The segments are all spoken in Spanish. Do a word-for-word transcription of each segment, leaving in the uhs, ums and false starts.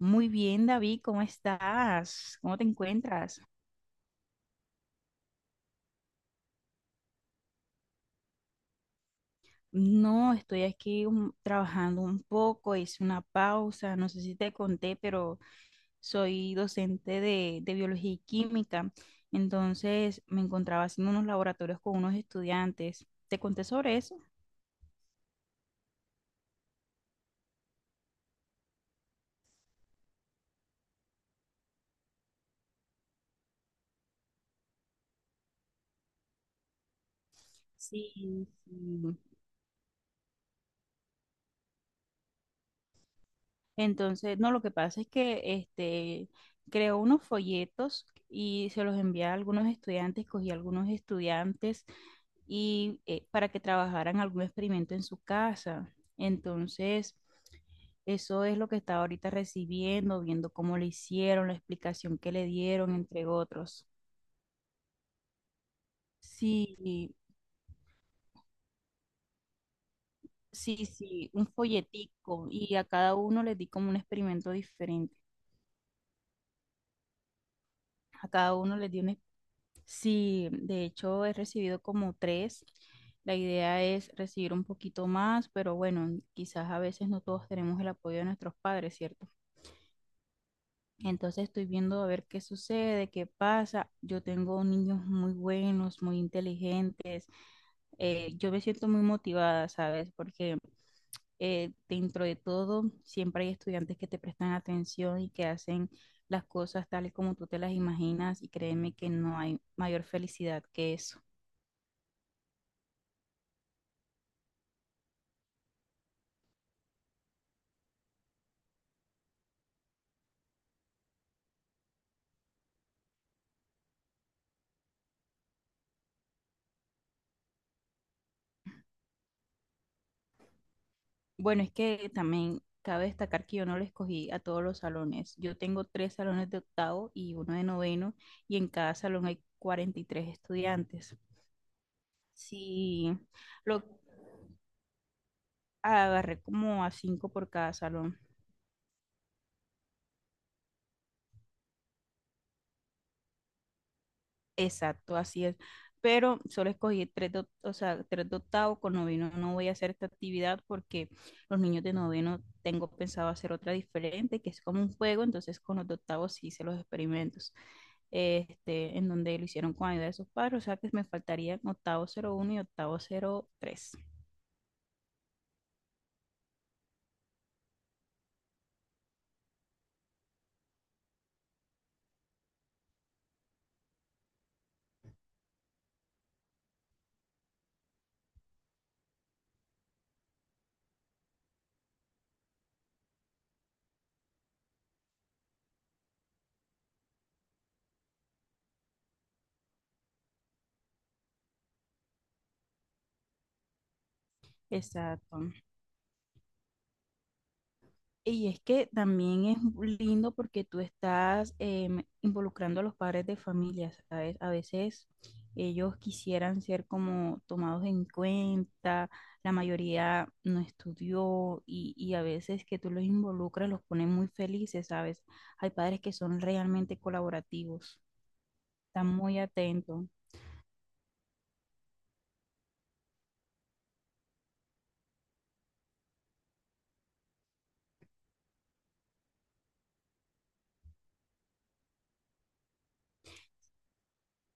Muy bien, David, ¿cómo estás? ¿Cómo te encuentras? No, estoy aquí un- trabajando un poco, hice una pausa, no sé si te conté, pero soy docente de, de biología y química, entonces me encontraba haciendo unos laboratorios con unos estudiantes. ¿Te conté sobre eso? Sí, sí. Entonces, no, lo que pasa es que este creó unos folletos y se los envié a algunos estudiantes, cogí a algunos estudiantes y eh, para que trabajaran algún experimento en su casa. Entonces, eso es lo que está ahorita recibiendo, viendo cómo le hicieron, la explicación que le dieron, entre otros. Sí, sí, sí, un folletico y a cada uno les di como un experimento diferente. A cada uno les di un... ex- Sí, de hecho he recibido como tres. La idea es recibir un poquito más, pero bueno, quizás a veces no todos tenemos el apoyo de nuestros padres, ¿cierto? Entonces estoy viendo a ver qué sucede, qué pasa. Yo tengo niños muy buenos, muy inteligentes. Eh, yo me siento muy motivada, ¿sabes? Porque eh, dentro de todo siempre hay estudiantes que te prestan atención y que hacen las cosas tales como tú te las imaginas y créeme que no hay mayor felicidad que eso. Bueno, es que también cabe destacar que yo no lo escogí a todos los salones. Yo tengo tres salones de octavo y uno de noveno y en cada salón hay cuarenta y tres estudiantes. Sí, lo agarré como a cinco por cada salón. Exacto, así es. Pero solo escogí tres de, o sea, tres de octavo con noveno. No voy a hacer esta actividad porque los niños de noveno tengo pensado hacer otra diferente, que es como un juego. Entonces con los de octavo sí hice los experimentos, este, en donde lo hicieron con ayuda de sus padres. O sea que me faltarían octavo cero uno y octavo cero tres. Exacto. Y es que también es lindo porque tú estás em, involucrando a los padres de familia, ¿sabes? A veces ellos quisieran ser como tomados en cuenta, la mayoría no estudió y, y a veces que tú los involucras los pones muy felices, ¿sabes? Hay padres que son realmente colaborativos, están muy atentos.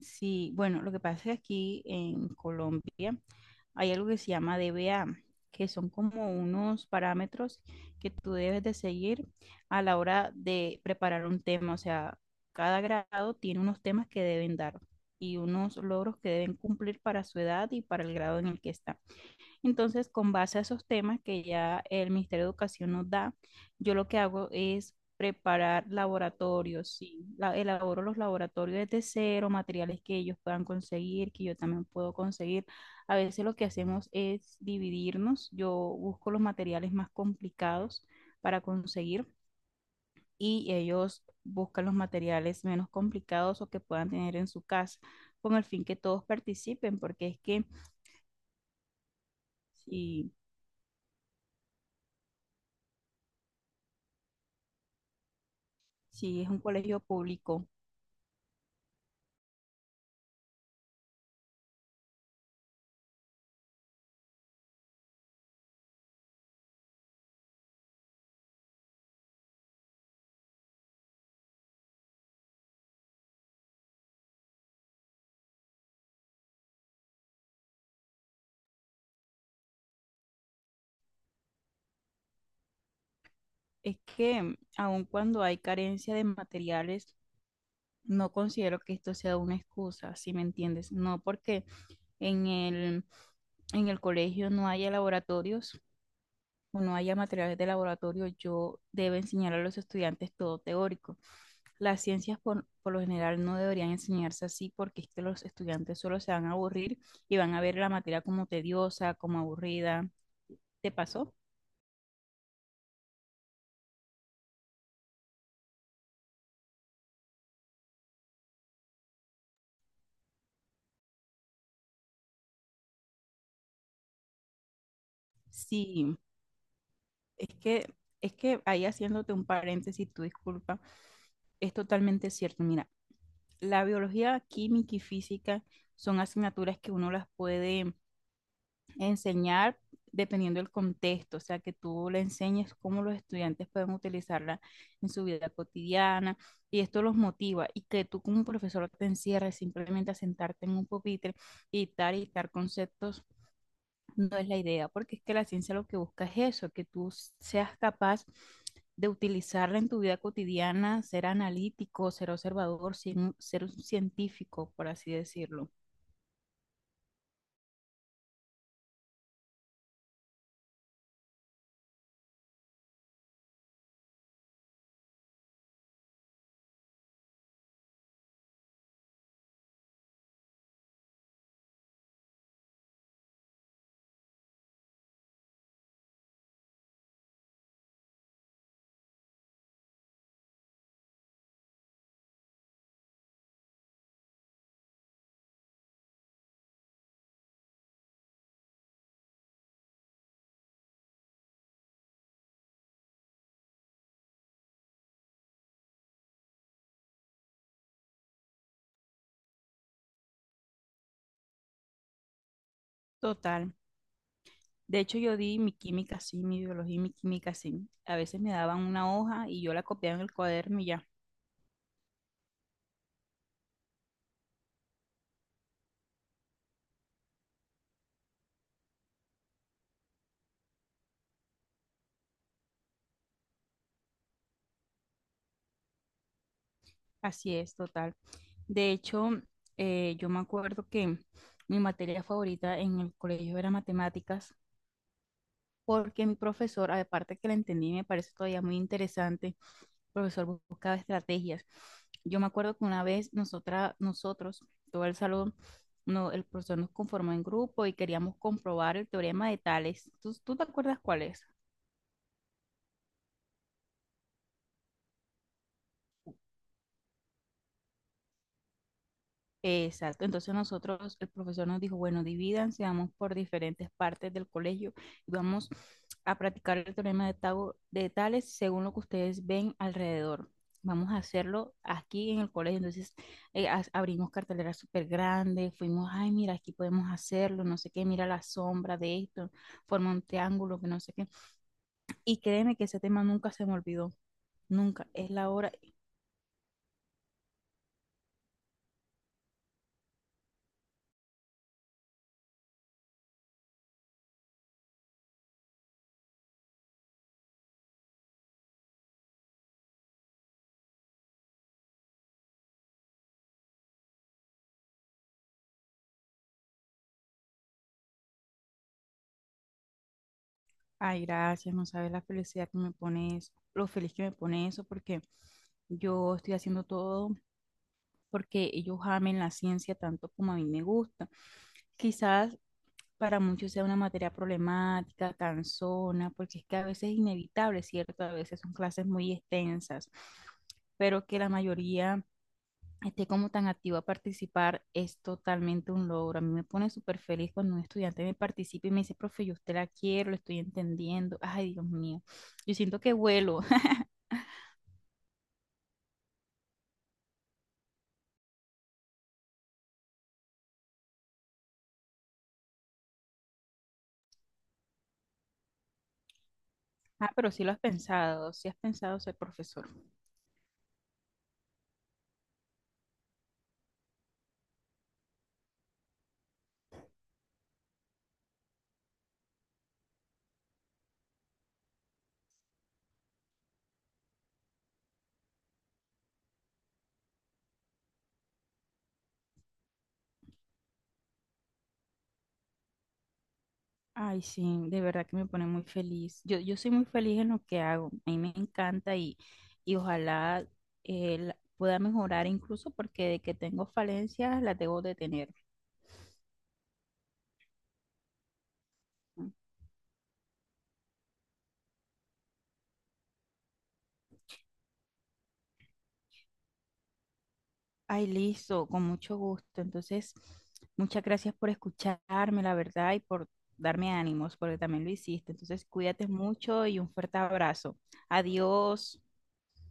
Sí, bueno, lo que pasa es que aquí en Colombia hay algo que se llama D B A, que son como unos parámetros que tú debes de seguir a la hora de preparar un tema. O sea, cada grado tiene unos temas que deben dar y unos logros que deben cumplir para su edad y para el grado en el que están. Entonces, con base a esos temas que ya el Ministerio de Educación nos da, yo lo que hago es preparar laboratorios, sí, la- elaboro los laboratorios desde cero, materiales que ellos puedan conseguir, que yo también puedo conseguir. A veces lo que hacemos es dividirnos, yo busco los materiales más complicados para conseguir y ellos buscan los materiales menos complicados o que puedan tener en su casa, con el fin que todos participen, porque es que si, si es un colegio público. Es que aun cuando hay carencia de materiales, no considero que esto sea una excusa, si me entiendes. No porque en el, en el colegio no haya laboratorios o no haya materiales de laboratorio, yo debo enseñar a los estudiantes todo teórico. Las ciencias por, por lo general no deberían enseñarse así porque es que los estudiantes solo se van a aburrir y van a ver la materia como tediosa, como aburrida. ¿Te pasó? Sí. Es que, es que ahí haciéndote un paréntesis, tu disculpa, es totalmente cierto. Mira, la biología química y física son asignaturas que uno las puede enseñar dependiendo del contexto, o sea, que tú le enseñes cómo los estudiantes pueden utilizarla en su vida cotidiana y esto los motiva y que tú como profesor te encierres simplemente a sentarte en un pupitre y dictar y dictar conceptos no es la idea, porque es que la ciencia lo que busca es eso, que tú seas capaz de utilizarla en tu vida cotidiana, ser analítico, ser observador, cien- ser un científico, por así decirlo. Total. De hecho, yo di mi química sí, mi biología y mi química sí. A veces me daban una hoja y yo la copiaba en el cuaderno y ya. Así es, total. De hecho, eh, yo me acuerdo que mi materia favorita en el colegio era matemáticas porque mi profesor, aparte que la entendí, me parece todavía muy interesante, el profesor buscaba estrategias. Yo me acuerdo que una vez nosotras, nosotros, todo el salón, no, el profesor nos conformó en grupo y queríamos comprobar el teorema de Tales. ¿Tú, tú te acuerdas cuál es? Exacto, entonces nosotros, el profesor nos dijo, bueno, divídanse, vamos por diferentes partes del colegio y vamos a practicar el teorema de, Tabo- de Tales según lo que ustedes ven alrededor. Vamos a hacerlo aquí en el colegio, entonces eh, as- abrimos carteleras súper grandes, fuimos, ay, mira, aquí podemos hacerlo, no sé qué, mira la sombra de esto, forma un triángulo, que no sé qué. Y créeme que ese tema nunca se me olvidó, nunca, es la hora. Ay, gracias, no sabes la felicidad que me pone eso, lo feliz que me pone eso, porque yo estoy haciendo todo porque ellos amen la ciencia tanto como a mí me gusta. Quizás para muchos sea una materia problemática, cansona, porque es que a veces es inevitable, ¿cierto? A veces son clases muy extensas, pero que la mayoría esté como tan activo a participar es totalmente un logro. A mí me pone súper feliz cuando un estudiante me participa y me dice, profe, yo usted la quiero, lo estoy entendiendo. Ay, Dios mío, yo siento que vuelo. Ah, pero sí lo has pensado, sí has pensado ser profesor. Ay, sí, de verdad que me pone muy feliz. Yo, yo soy muy feliz en lo que hago. A mí me encanta y, y ojalá eh, la- pueda mejorar incluso porque de que tengo falencias las debo de tener. Ay, listo, con mucho gusto. Entonces, muchas gracias por escucharme, la verdad, y por darme ánimos, porque también lo hiciste. Entonces, cuídate mucho y un fuerte abrazo. Adiós.